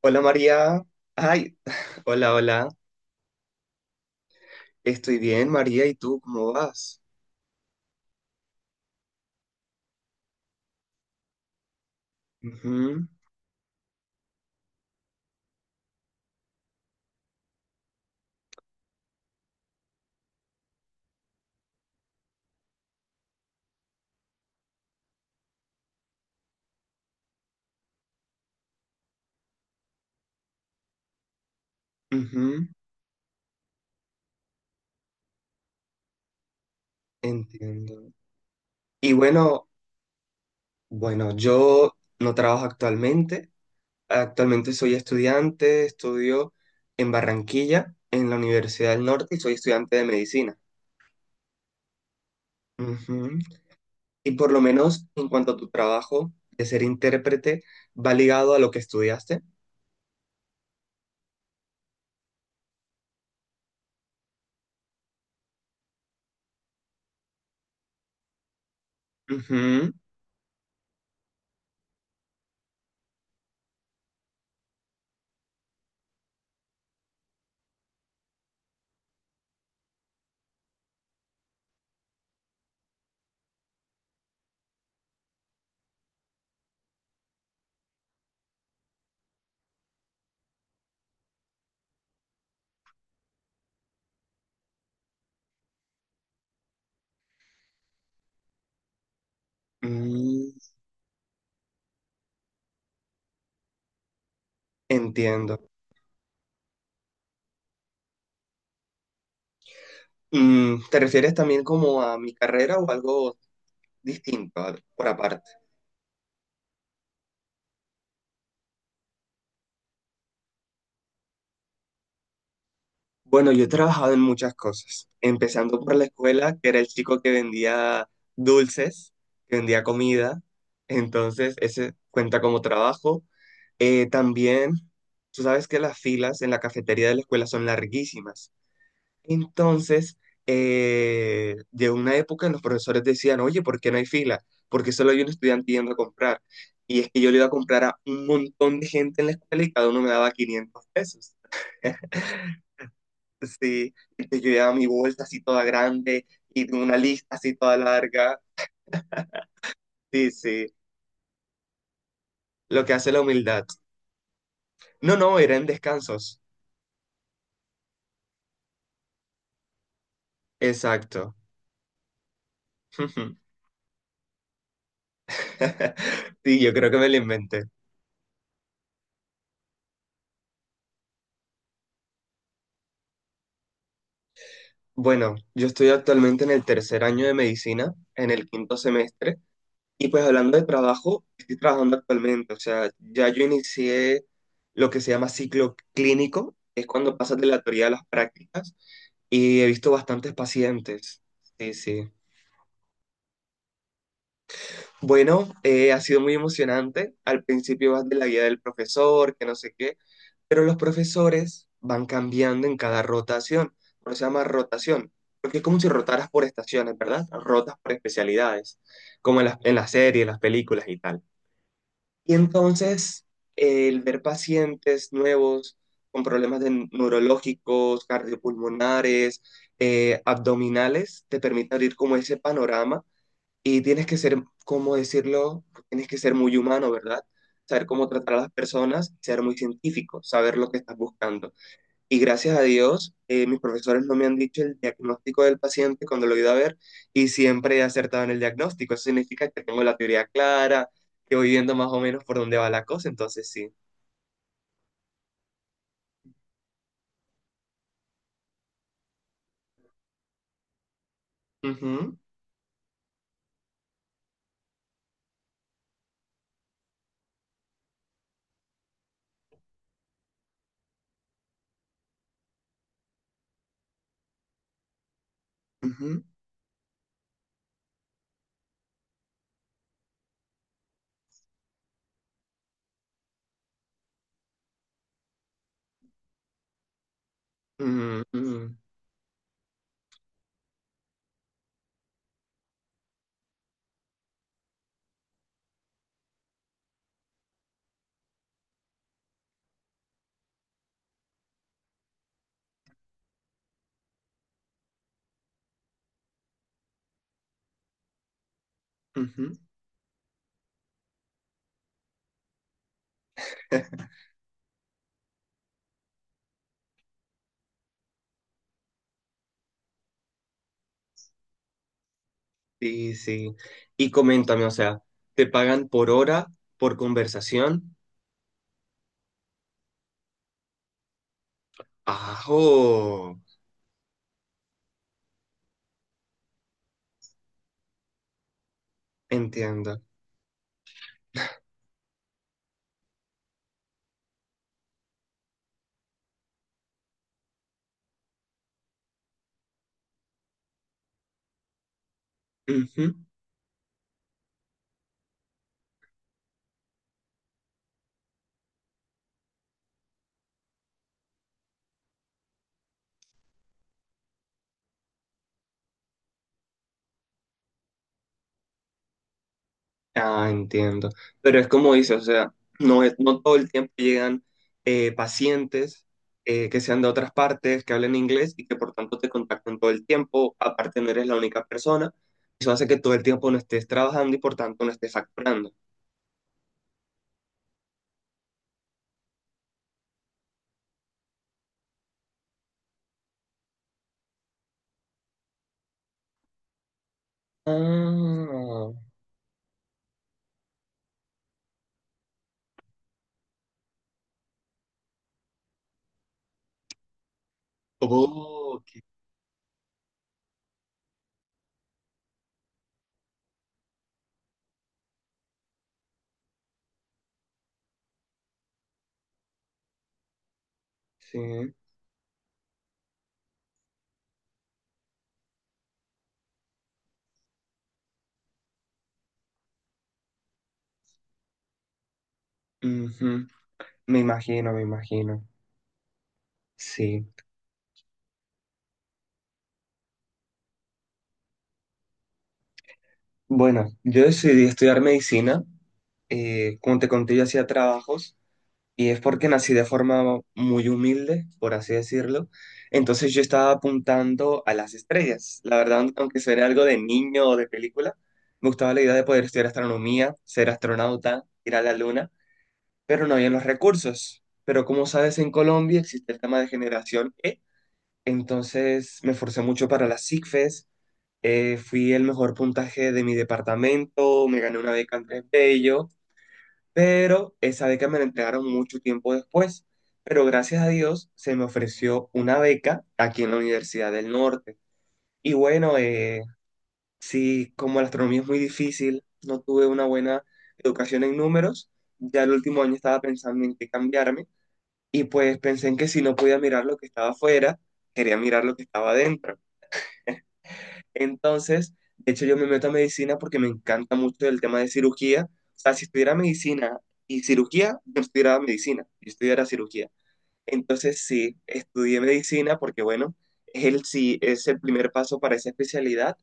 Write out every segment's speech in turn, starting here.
Hola María. Ay, hola, hola. Estoy bien, María. ¿Y tú cómo vas? Ujú, ujú. Entiendo. Y bueno, bueno, yo no trabajo actualmente. Actualmente soy estudiante, estudio en Barranquilla, en la Universidad del Norte, y soy estudiante de medicina. Ujú. Y por lo menos en cuanto a tu trabajo de ser intérprete, ¿va ligado a lo que estudiaste? Ujú, mm. Entiendo. Mm, ¿te refieres también como a mi carrera o algo distinto, por aparte? Bueno, yo he trabajado en muchas cosas, empezando por la escuela, que era el chico que vendía dulces, que vendía comida, entonces ese cuenta como trabajo. También, tú sabes que las filas en la cafetería de la escuela son larguísimas. Entonces, llegó una época en los profesores decían, oye, ¿por qué no hay fila? Porque solo hay un estudiante yendo a comprar. Y es que yo le iba a comprar a un montón de gente en la escuela y cada uno me daba 500 pesos. Sí, entonces yo llevaba mi bolsa así toda grande y tengo una lista así toda larga. Sí, sí, lo que hace la humildad. No, no, era en descansos. Exacto. Sí, yo creo que me lo inventé. Bueno, yo estoy actualmente en el tercer año de medicina, en el quinto semestre, y pues hablando de trabajo, estoy trabajando actualmente, o sea, ya yo inicié lo que se llama ciclo clínico, que es cuando pasas de la teoría a las prácticas, y he visto bastantes pacientes. Sí, sí. Bueno, ha sido muy emocionante. Al principio vas de la guía del profesor, que no sé qué, pero los profesores van cambiando en cada rotación. Por eso se llama rotación, porque es como si rotaras por estaciones, ¿verdad? Rotas por especialidades, como en las series, las películas y tal. Y entonces, el ver pacientes nuevos con problemas de neurológicos, cardiopulmonares, abdominales, te permite abrir como ese panorama y tienes que ser, ¿cómo decirlo? Tienes que ser muy humano, ¿verdad? Saber cómo tratar a las personas, ser muy científico, saber lo que estás buscando. Y gracias a Dios, mis profesores no me han dicho el diagnóstico del paciente cuando lo he ido a ver y siempre he acertado en el diagnóstico. Eso significa que tengo la teoría clara, que voy viendo más o menos por dónde va la cosa, entonces sí. Ujú, ujú, mm, mm, ujú. Sí, sí. Y coméntame, o sea, ¿te pagan por hora, por conversación? Ajo, entiendo. Ujú. Ah, entiendo. Pero es como dice, o sea, no es, no todo el tiempo llegan pacientes que sean de otras partes, que hablen inglés y que por tanto te contacten todo el tiempo. Aparte, no eres la única persona. Eso hace que todo el tiempo no estés trabajando y por tanto no estés facturando. Ah, ok, sí. Ujú. Me imagino, me imagino. Sí. Bueno, yo decidí estudiar medicina, como te conté, yo hacía trabajos y es porque nací de forma muy humilde, por así decirlo. Entonces yo estaba apuntando a las estrellas. La verdad, aunque suene algo de niño o de película, me gustaba la idea de poder estudiar astronomía, ser astronauta, ir a la luna, pero no había los recursos. Pero como sabes, en Colombia existe el tema de generación E. Entonces me esforcé mucho para las ICFES, fui el mejor puntaje de mi departamento, me gané una beca en Bello, pero esa beca me la entregaron mucho tiempo después. Pero gracias a Dios se me ofreció una beca aquí en la Universidad del Norte. Y bueno, sí, como la astronomía es muy difícil, no tuve una buena educación en números. Ya el último año estaba pensando en qué cambiarme y pues pensé en que si no podía mirar lo que estaba afuera, quería mirar lo que estaba adentro. Entonces, de hecho, yo me meto a medicina porque me encanta mucho el tema de cirugía. O sea, si estudiara medicina y cirugía, yo estudiara medicina, yo estudiara cirugía. Entonces, sí, estudié medicina porque, bueno, es el, sí, es el primer paso para esa especialidad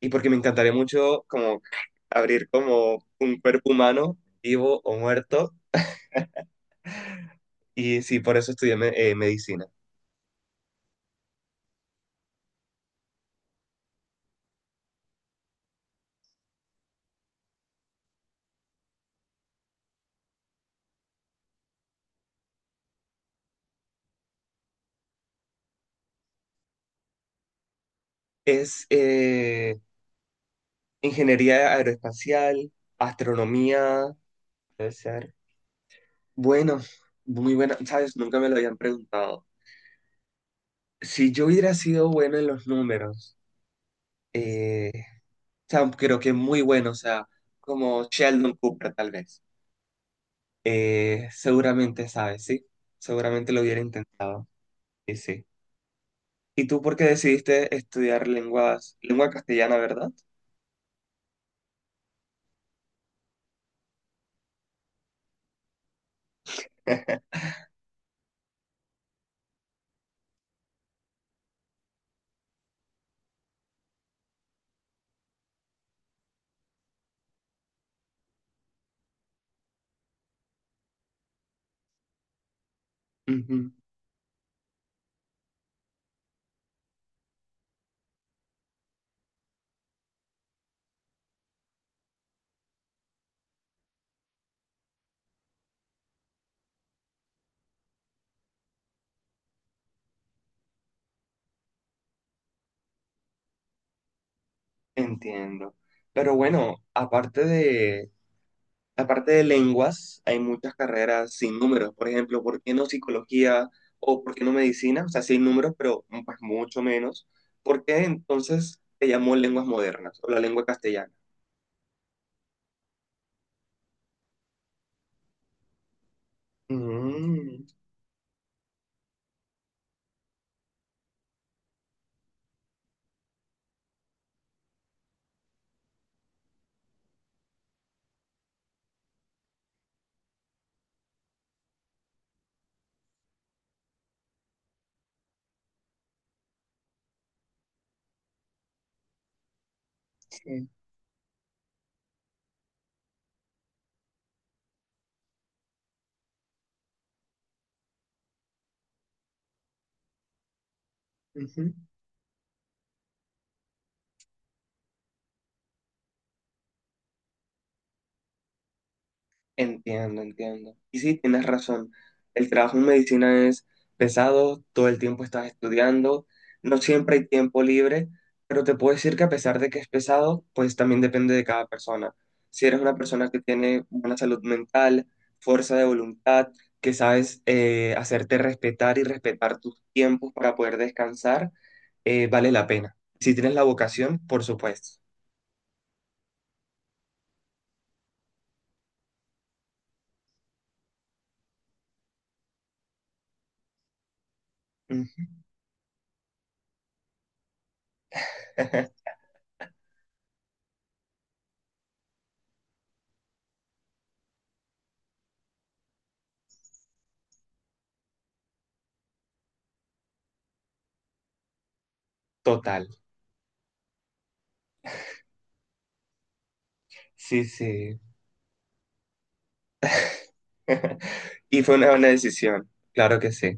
y porque me encantaría mucho como abrir como un cuerpo humano, vivo o muerto. Y sí, por eso estudié medicina. Es ingeniería aeroespacial, astronomía, puede ser. Bueno, muy buena, ¿sabes? Nunca me lo habían preguntado. Si yo hubiera sido bueno en los números, eh, o sea, creo que muy bueno, o sea, como Sheldon Cooper tal vez. Seguramente sabes, ¿sí? Seguramente lo hubiera intentado, sí, sí. ¿Y tú por qué decidiste estudiar lenguas, lengua castellana, verdad? Ujú. Entiendo. Pero bueno, aparte de... Aparte de lenguas, hay muchas carreras sin números. Por ejemplo, ¿por qué no psicología o por qué no medicina? O sea, sí hay números, pero mm, pues, mucho menos. ¿Por qué entonces se llamó lenguas modernas o la lengua castellana? Mm, sí. Ujú. Entiendo, entiendo. Y sí, tienes razón. El trabajo en medicina es pesado, todo el tiempo estás estudiando, no siempre hay tiempo libre, pero te puedo decir que a pesar de que es pesado, pues también depende de cada persona. Si eres una persona que tiene buena salud mental, fuerza de voluntad, que sabes hacerte respetar y respetar tus tiempos para poder descansar, vale la pena. Si tienes la vocación, por supuesto. Ujú. Total. Sí, sí. Y fue una buena decisión, claro que sí.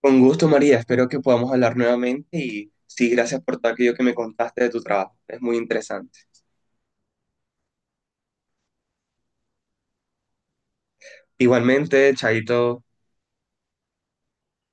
Con gusto, María, espero que podamos hablar nuevamente y sí, gracias por todo aquello que me contaste de tu trabajo. Es muy interesante. Igualmente, Chaito.